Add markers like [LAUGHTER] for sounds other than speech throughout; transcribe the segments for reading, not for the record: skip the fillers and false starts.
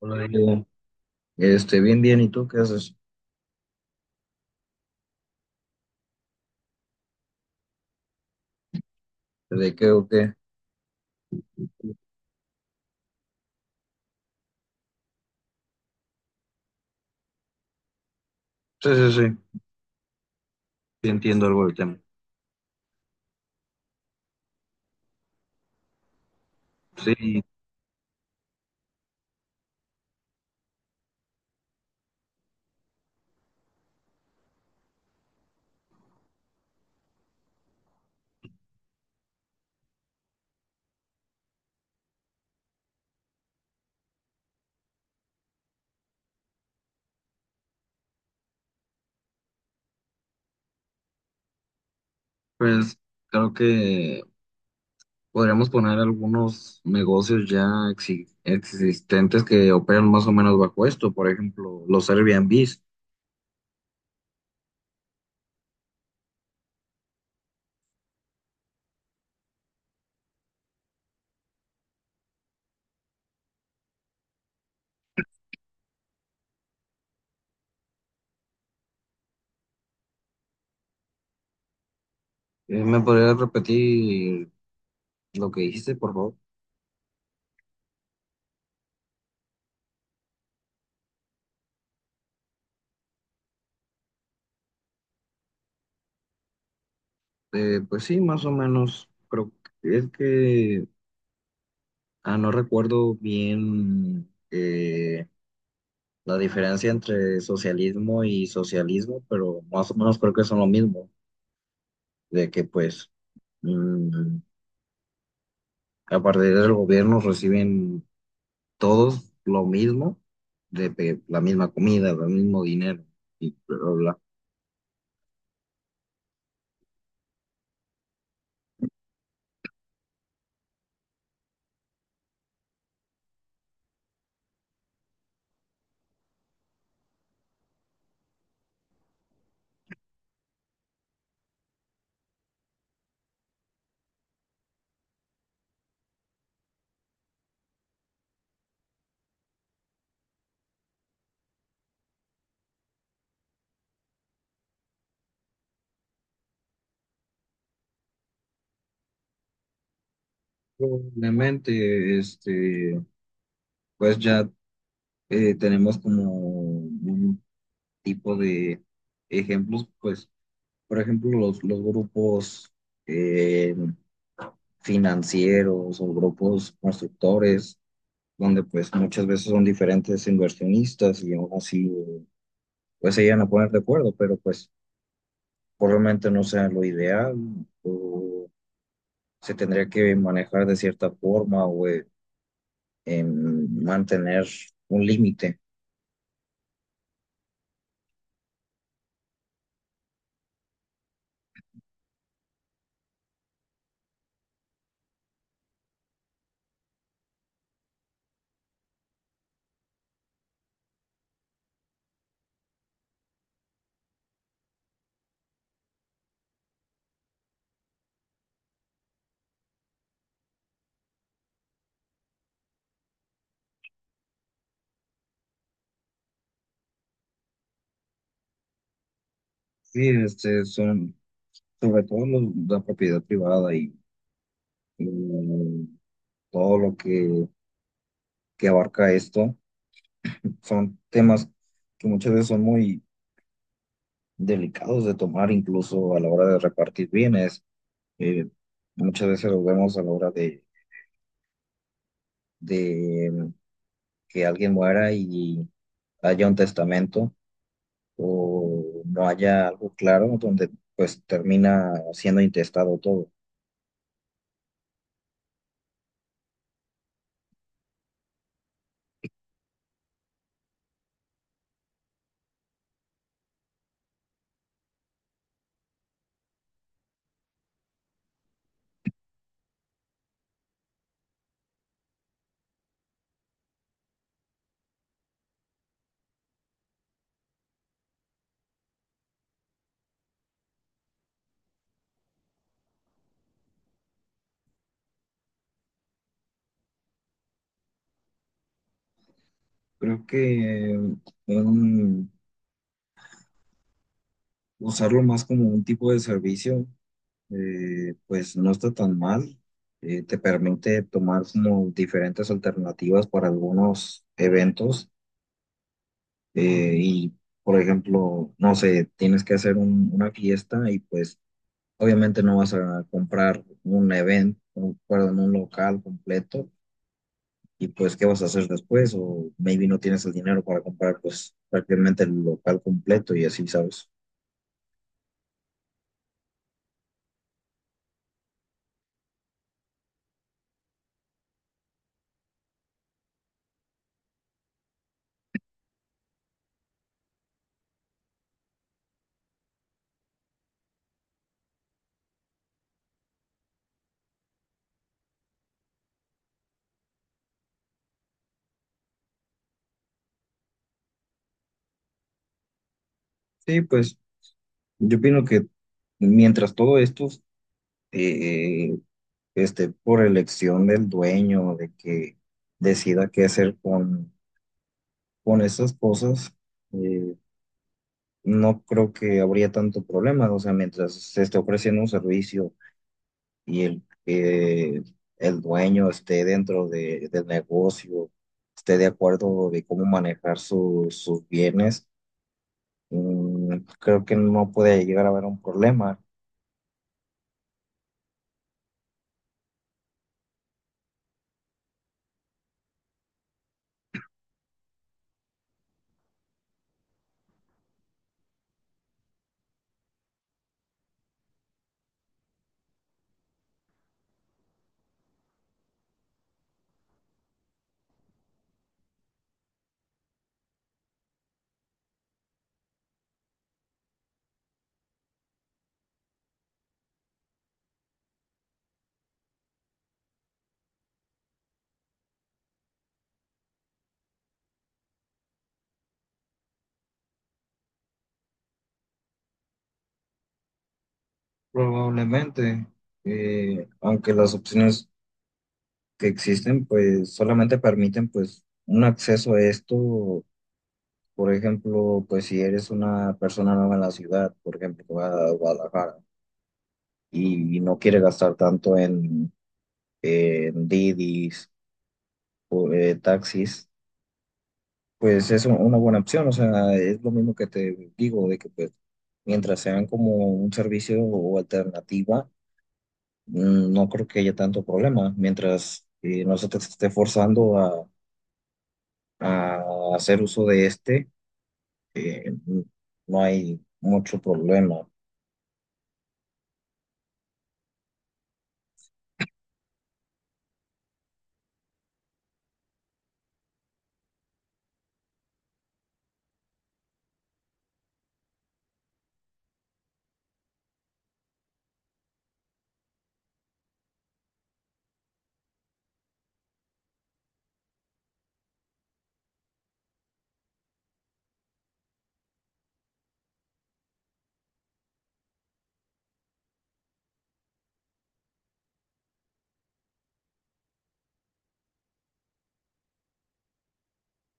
Hola, Diego. Bien, bien, ¿y tú qué haces? ¿De qué o qué? Sí, sí, sí, sí, entiendo algo del tema. Sí, pues creo que podríamos poner algunos negocios ya existentes que operan más o menos bajo esto, por ejemplo, los Airbnbs. ¿Me podrías repetir lo que dijiste, por favor? Pues sí, más o menos, creo que es que no recuerdo bien la diferencia entre socialismo y socialismo, pero más o menos creo que son lo mismo, de que pues mm, a partir del gobierno reciben todos lo mismo, de la misma comida, el mismo dinero y bla, bla, bla. Probablemente, este, pues ya tenemos como un tipo de ejemplos, pues por ejemplo, los grupos eh, financieros o grupos constructores, donde pues muchas veces son diferentes inversionistas y aún así pues se llegan a poner de acuerdo, pero pues probablemente no sea lo ideal o se tendría que manejar de cierta forma o mantener un límite. Sí, este son sobre todo la propiedad privada y todo lo que abarca esto. Son temas que muchas veces son muy delicados de tomar, incluso a la hora de repartir bienes. Eh, muchas veces los vemos a la hora de que alguien muera y haya un testamento o no haya algo claro donde pues termina siendo intestado todo. Creo que un- usarlo más como un tipo de servicio, pues no está tan mal. Eh, te permite tomar como diferentes alternativas para algunos eventos. eh, y, por ejemplo, no sé, tienes que hacer una fiesta y pues obviamente no vas a comprar un evento, un perdón, un local completo. Y pues, ¿qué vas a hacer después? O maybe no tienes el dinero para comprar pues prácticamente el local completo y así, ¿sabes? Sí, pues yo opino que mientras todo esto… eh, por elección del dueño, de que decida qué hacer con esas cosas, eh, no creo que habría tanto problema. O sea, mientras se esté ofreciendo un servicio y el dueño esté dentro del negocio, esté de acuerdo de cómo manejar sus bienes. Mm, creo que no puede llegar a haber un problema. Probablemente, aunque las opciones que existen pues solamente permiten pues un acceso a esto, por ejemplo, pues si eres una persona nueva en la ciudad, por ejemplo, que va a Guadalajara y no quiere gastar tanto en Didis, taxis, pues es una buena opción. O sea, es lo mismo que te digo, de que pues mientras sean como un servicio o alternativa, mm, no creo que haya tanto problema, mientras no se te esté forzando a hacer uso de este, eh, no hay mucho problema.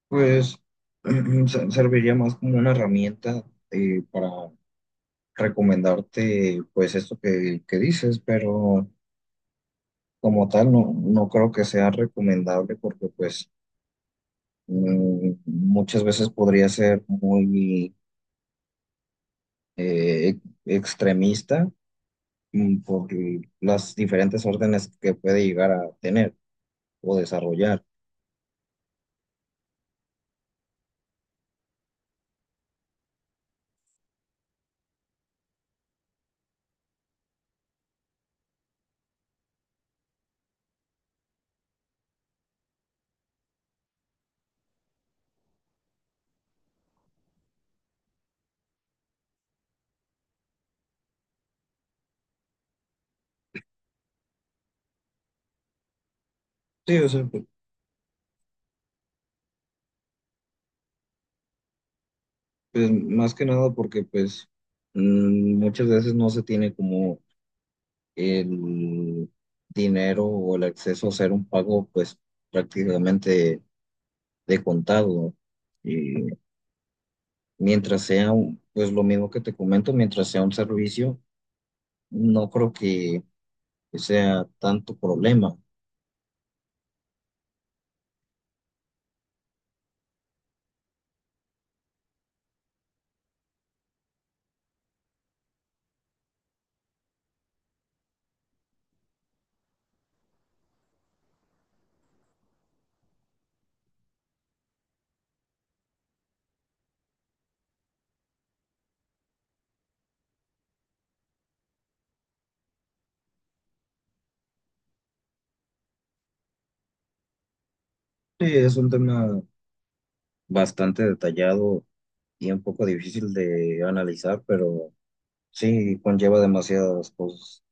Pues [CLEARS THROAT] serviría más como una herramienta para recomendarte pues esto que dices, pero como tal no, no creo que sea recomendable porque pues mm, muchas veces podría ser muy eh, extremista, mm, por las diferentes órdenes que puede llegar a tener o desarrollar. Sí, o sea, pues más que nada porque pues mm, muchas veces no se tiene como el dinero o el acceso a hacer un pago pues prácticamente de contado. Y mientras sea pues lo mismo que te comento, mientras sea un servicio, no creo que sea tanto problema. Sí, es un tema bastante detallado y un poco difícil de analizar, pero sí conlleva demasiadas cosas.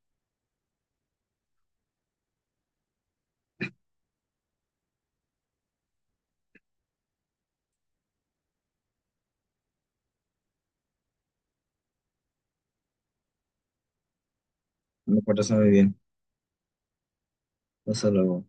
Me parece muy bien. Hasta luego.